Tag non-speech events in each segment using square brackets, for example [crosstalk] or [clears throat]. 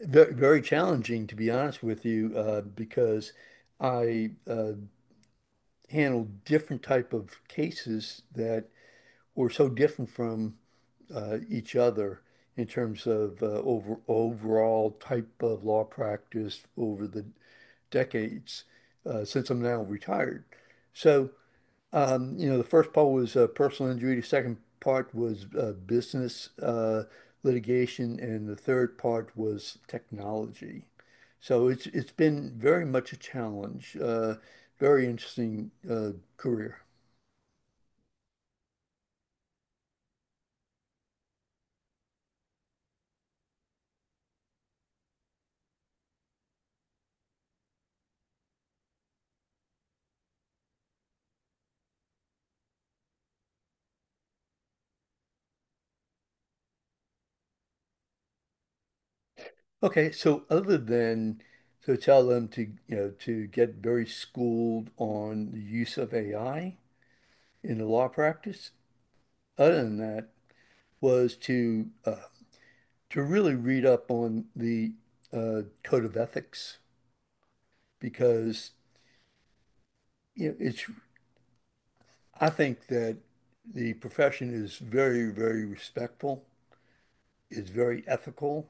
Very challenging, to be honest with you, because I handled different type of cases that were so different from each other in terms of overall type of law practice over the decades, since I'm now retired. So you know, the first part was personal injury. The second part was business litigation, and the third part was technology. So it's been very much a challenge. Very interesting career. Okay, so other than to tell them to, you know, to get very schooled on the use of AI in the law practice, other than that was to really read up on the code of ethics because, you know, it's I think that the profession is very, very respectful, is very ethical,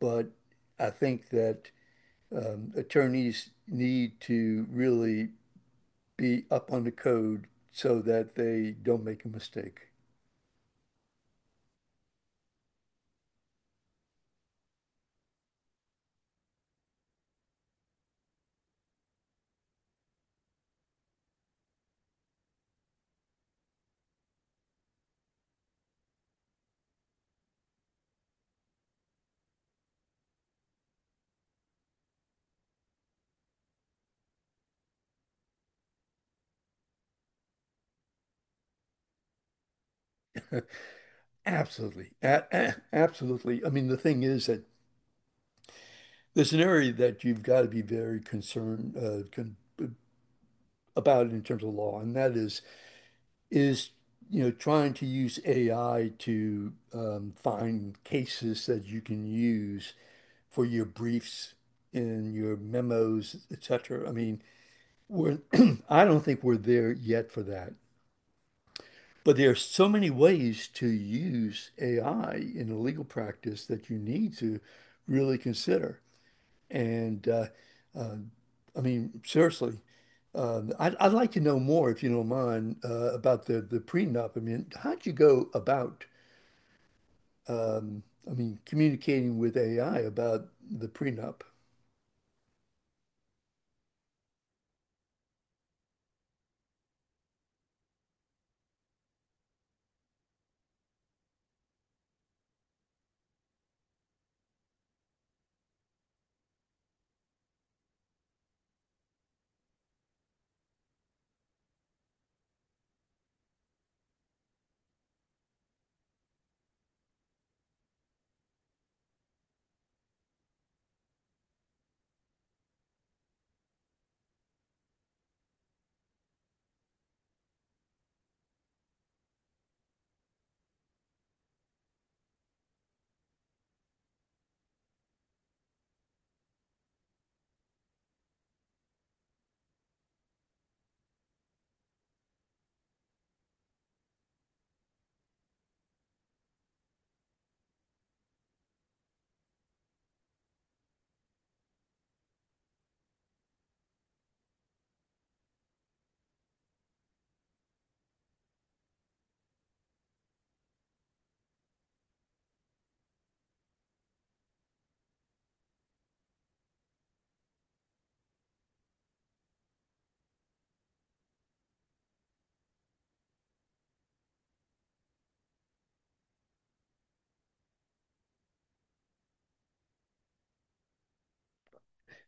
but I think that attorneys need to really be up on the code so that they don't make a mistake. Absolutely. Absolutely. I mean, the thing is that there's an area that you've got to be very concerned, con about in terms of law, and that is, you know, trying to use AI to find cases that you can use for your briefs and your memos, etc. I mean, we're [clears throat] I don't think we're there yet for that. But there are so many ways to use AI in a legal practice that you need to really consider. And uh, I mean, seriously, I'd like to know more, if you don't mind, about the prenup. I mean, how'd you go about, um, I mean, communicating with AI about the prenup?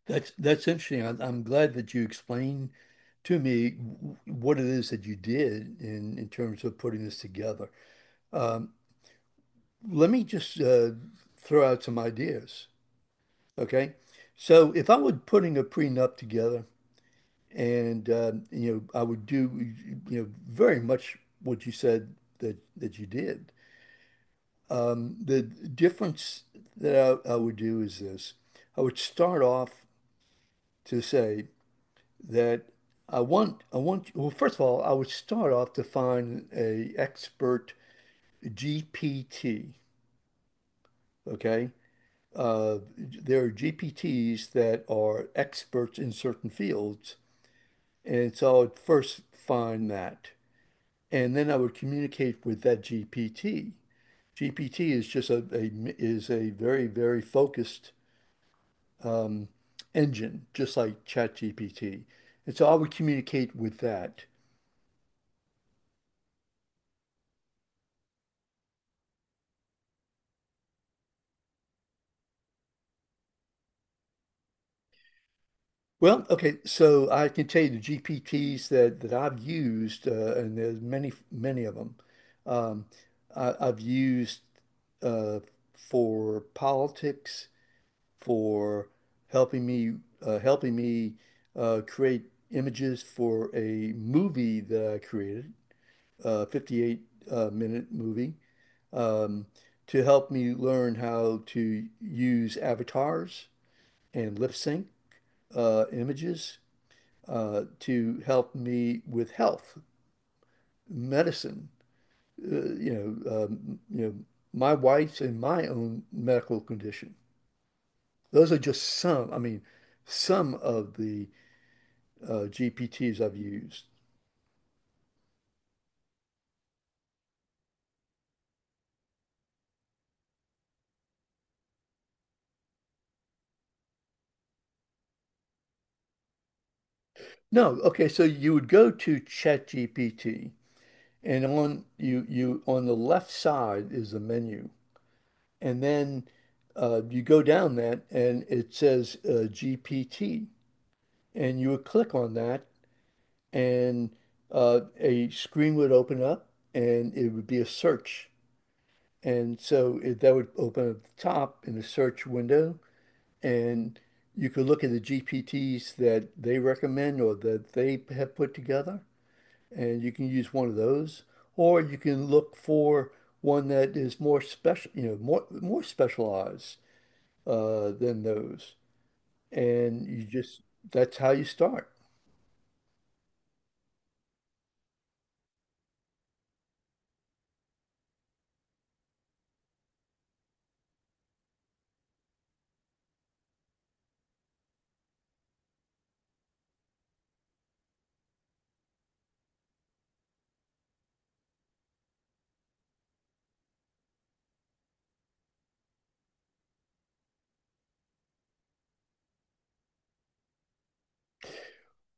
That's interesting. I'm glad that you explained to me what it is that you did in terms of putting this together. Let me just throw out some ideas, okay? So, if I were putting a prenup together. And you know, I would do, you know, very much what you said that you did. The difference that I would do is this. I would start off to say that I want well, first of all, I would start off to find a expert GPT, okay? There are GPTs that are experts in certain fields, and so I would first find that. And then I would communicate with that GPT. GPT is just a very, very focused um, engine, just like ChatGPT. And so I would communicate with that. Well, okay, so I can tell you the GPTs that I've used, and there's many, many of them. Um, I've used uh, for politics, for helping me helping me create images for a movie that I created, a 58 minute movie, um, to help me learn how to use avatars and lip sync images to help me with health, medicine, you know, my wife's and my own medical condition. Those are just some, I mean, some of the GPTs I've used. No, okay, so you would go to ChatGPT, and on you you on the left side is the menu. And then you go down that and it says GPT, and you would click on that, and a screen would open up and it would be a search. And so that would open at the top in the search window, and you can look at the GPTs that they recommend or that they have put together, and you can use one of those, or you can look for one that is more special, you know, more specialized than those, and you just, that's how you start.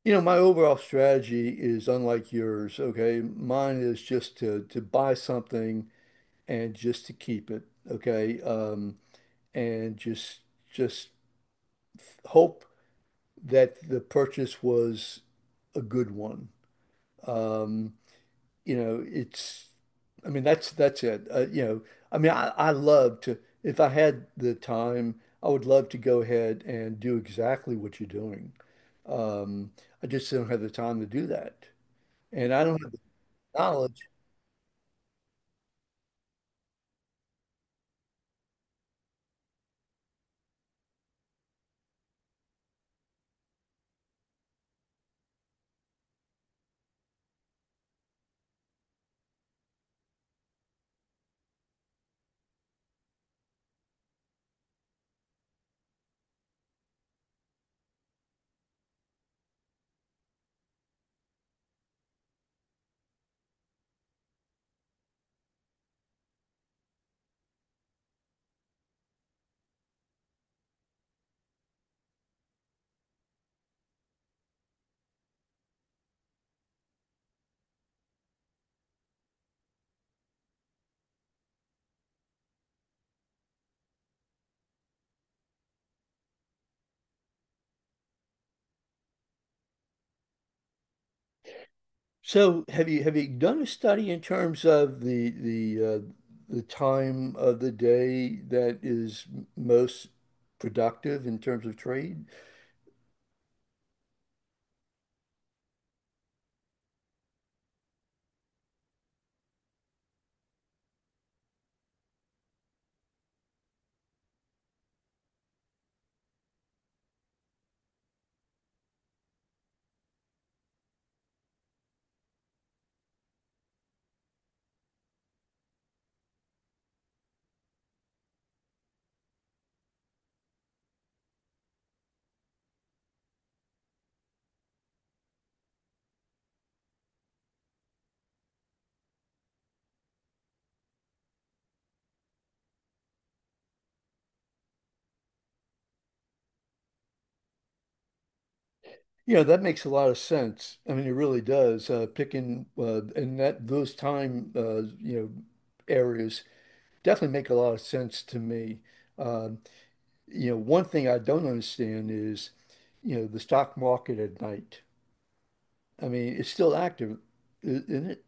You know, my overall strategy is unlike yours, okay? Mine is just to buy something and just to keep it, okay? And just hope that the purchase was a good one. Um, you know, it's, I mean, that's it. You know, I mean, I love to, if I had the time, I would love to go ahead and do exactly what you're doing. Um, I just don't have the time to do that, and I don't have the knowledge. So, have you done a study in terms of the time of the day that is most productive in terms of trade? Yeah, that makes a lot of sense. I mean, it really does. Picking and that those time, you know, areas definitely make a lot of sense to me. Um, you know, one thing I don't understand is, you know, the stock market at night. I mean, it's still active, isn't it?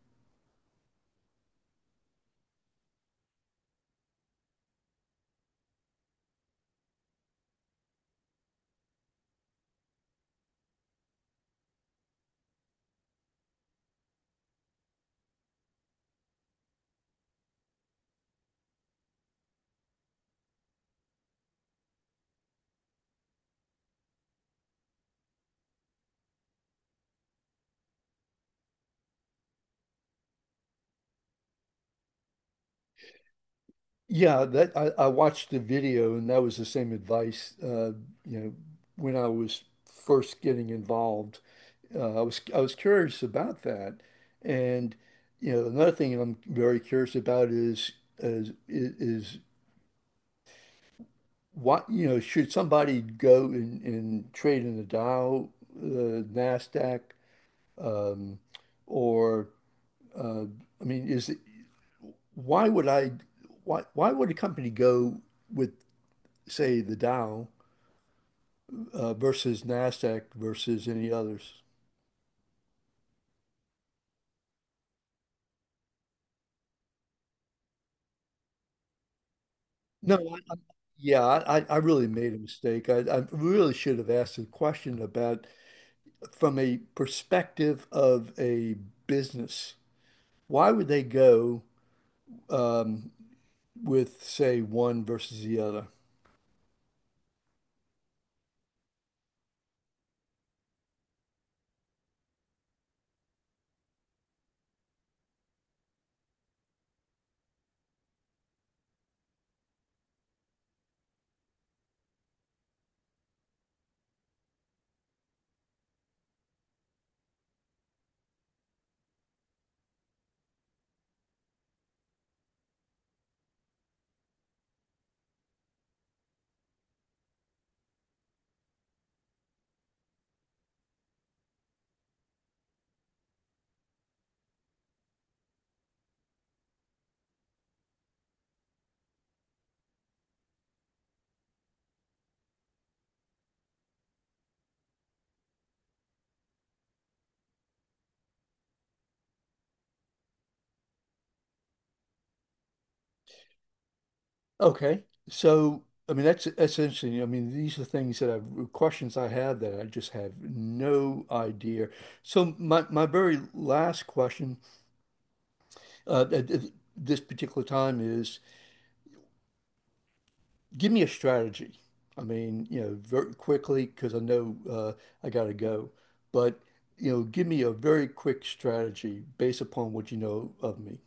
Yeah, that I watched the video and that was the same advice. You know, when I was first getting involved, I was curious about that, and you know another thing I'm very curious about is what, you know, should somebody go and trade in the Dow, the Nasdaq, um, or uh, I mean, is it, why would I why would a company go with, say, the Dow versus Nasdaq versus any others? No, yeah, I really made a mistake. I really should have asked a question about from a perspective of a business. Why would they go um, with, say, one versus the other? Okay. So, I mean, that's interesting. I mean, these are things that I've questions I have that I just have no idea. So, my very last question at this particular time is, give me a strategy. I mean, you know, very quickly because I know I gotta go. But, you know, give me a very quick strategy based upon what you know of me.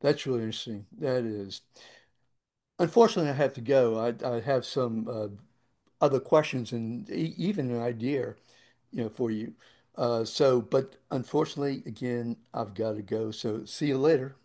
That's really interesting. That is. Unfortunately, I have to go. I have some other questions and e even an idea, you know, for you. So, but unfortunately, again, I've got to go. So, see you later.